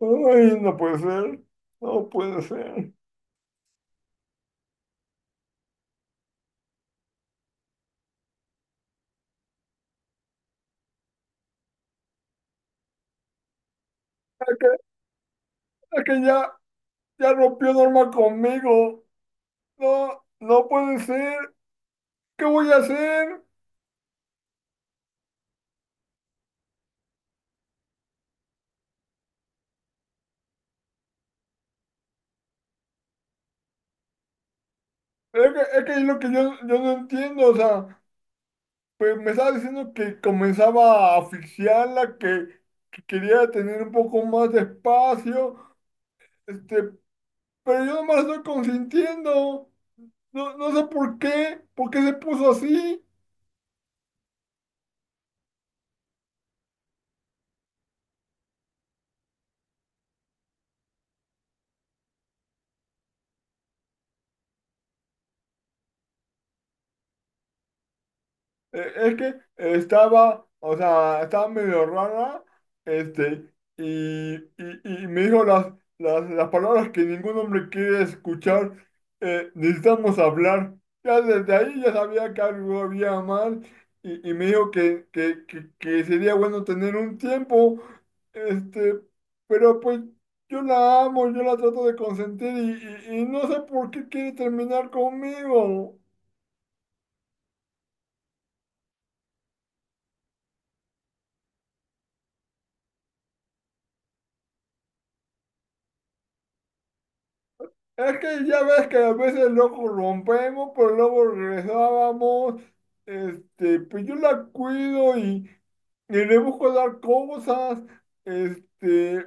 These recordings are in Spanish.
Ay, no puede ser, no puede ser. Es que, es que ya rompió Norma conmigo. No, no puede ser. ¿Qué voy a hacer? Es que es lo que yo no entiendo. O sea, pues me estaba diciendo que comenzaba a asfixiarla, que quería tener un poco más de espacio. Este, pero yo no me la estoy consintiendo. No, no sé por qué se puso así. Es que estaba, o sea, estaba medio rara, y me dijo las palabras que ningún hombre quiere escuchar, necesitamos hablar. Ya desde ahí ya sabía que algo había mal, y me dijo que sería bueno tener un tiempo, este, pero pues yo la amo, yo la trato de consentir, y no sé por qué quiere terminar conmigo. Es que ya ves que a veces lo rompemos, pero luego regresábamos. Pues yo la cuido y le busco dar cosas. Este,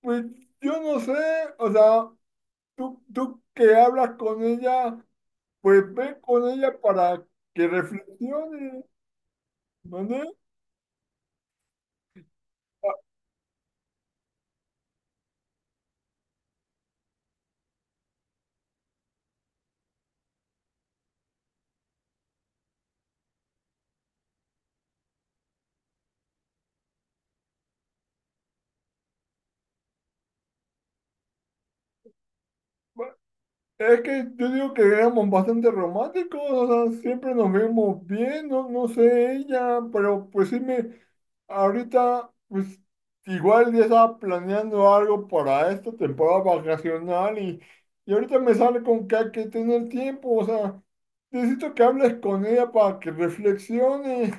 pues yo no sé, o sea, tú que hablas con ella, pues ve con ella para que reflexione, ¿vale? Es que yo digo que éramos bastante románticos, o sea, siempre nos vemos bien, no, no sé ella, pero pues sí me. Ahorita, pues, igual ya estaba planeando algo para esta temporada vacacional y ahorita me sale con que hay que tener tiempo, o sea, necesito que hables con ella para que reflexione.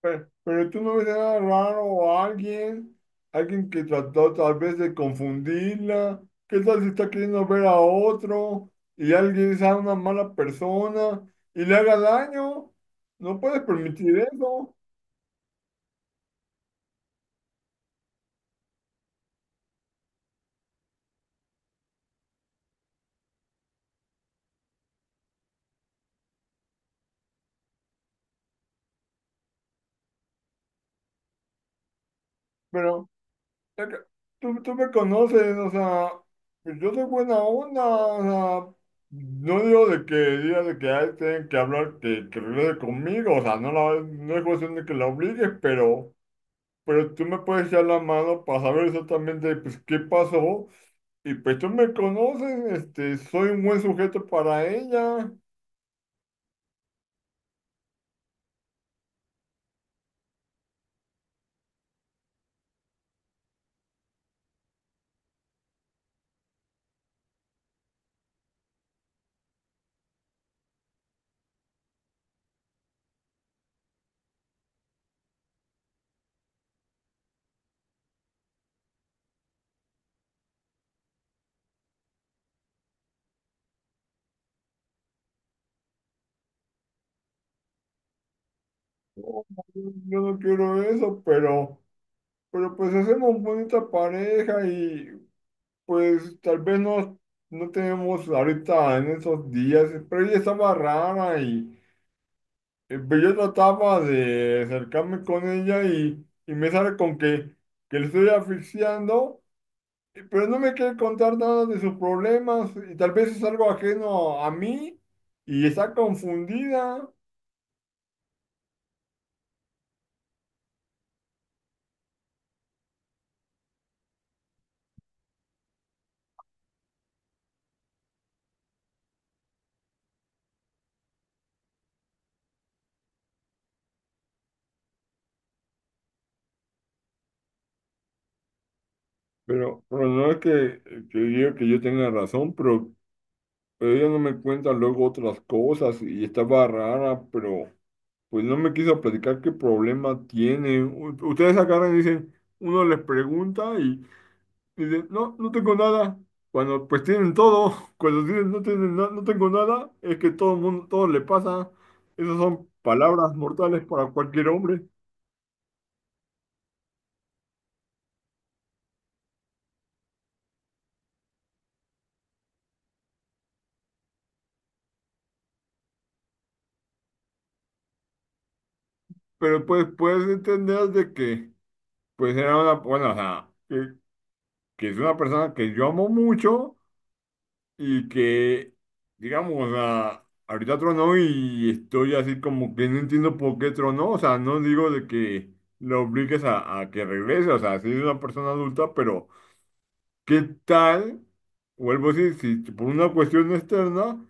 Pero tú no ves nada raro o alguien, alguien que trató tal vez de confundirla. ¿Qué tal si está queriendo ver a otro y alguien sea una mala persona y le haga daño? No puedes permitir eso, pero es que tú me conoces, o sea, pues yo soy buena onda, o sea, no digo de que diga de que ay, tienen que hablar, que regrese conmigo, o sea, no, la, no es cuestión de que la obligues, pero tú me puedes echar la mano para saber exactamente, pues, qué pasó, y pues tú me conoces, soy un buen sujeto para ella. No, yo no quiero eso, pero pues hacemos bonita pareja y pues tal vez no, no tenemos ahorita en esos días, pero ella estaba rara y pero yo trataba de acercarme con ella y me sale con que le estoy asfixiando, pero no me quiere contar nada de sus problemas y tal vez es algo ajeno a mí y está confundida. Pero no es que diga que yo tenga razón, pero ella no me cuenta luego otras cosas y estaba rara, pero pues no me quiso platicar qué problema tiene. U- Ustedes agarran y dicen, uno les pregunta y dicen, no, no tengo nada. Cuando pues tienen todo, cuando dicen no tienen na- no tengo nada, es que todo el mundo, todo le pasa. Esas son palabras mortales para cualquier hombre. Pero pues puedes entender de que pues era una, bueno, o sea, que es una persona que yo amo mucho y que, digamos, o sea, ahorita tronó y estoy así como que no entiendo por qué tronó, o sea, no digo de que lo obligues a que regrese, o sea, si es una persona adulta, pero ¿qué tal? Vuelvo a decir, si por una cuestión externa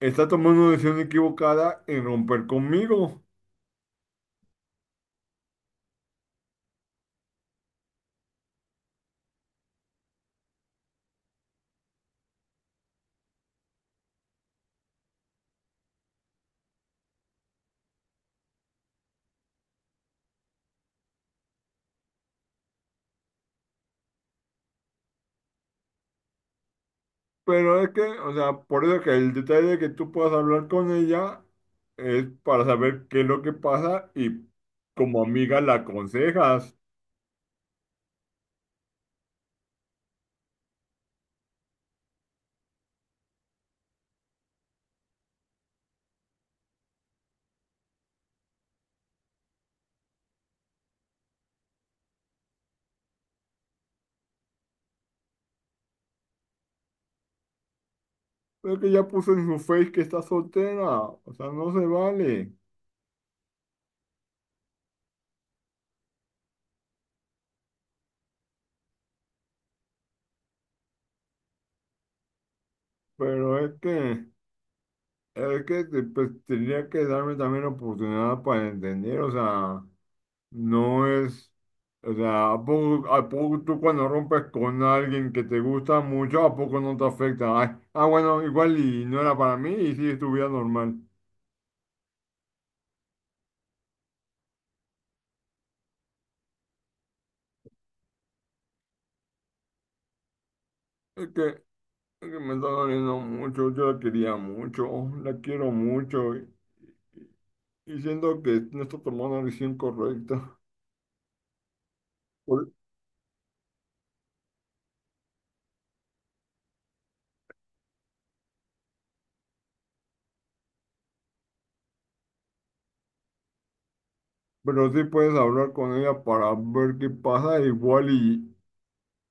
está tomando una decisión equivocada en romper conmigo, pero es que, o sea, por eso que el detalle de que tú puedas hablar con ella es para saber qué es lo que pasa y como amiga la aconsejas. Es que ya puso en su face que está soltera, o sea, no se vale. Pero es que te- pues, tendría que darme también oportunidad para entender, o sea, no es, o sea, a poco tú cuando rompes con alguien que te gusta mucho, ¿a poco no te afecta? Ay, ah, bueno, igual y no era para mí y sigue tu vida normal. Es que, es que me está doliendo mucho, yo la quería mucho, la quiero mucho y siento que no está tomando la decisión correcta. Pero sí puedes hablar con ella para ver qué pasa, igual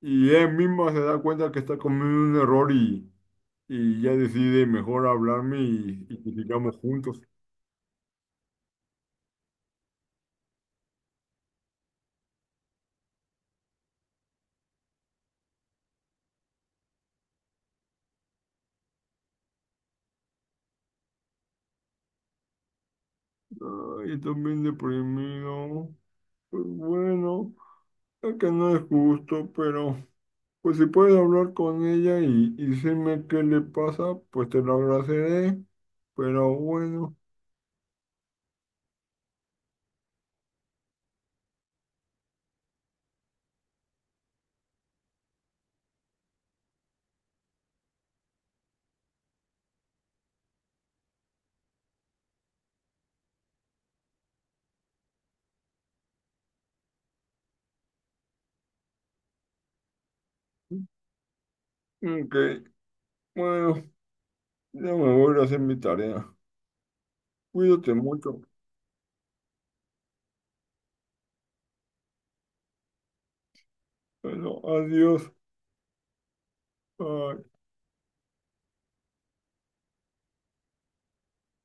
y ella misma se da cuenta que está cometiendo un error y ya decide mejor hablarme y que sigamos juntos. Ay, también deprimido, pues bueno, es que no es justo, pero pues si puedes hablar con ella y decirme qué le pasa, pues te lo agradeceré, pero bueno, ok, bueno, ya me voy a ir a hacer mi tarea. Cuídate mucho. Bueno, adiós. uh,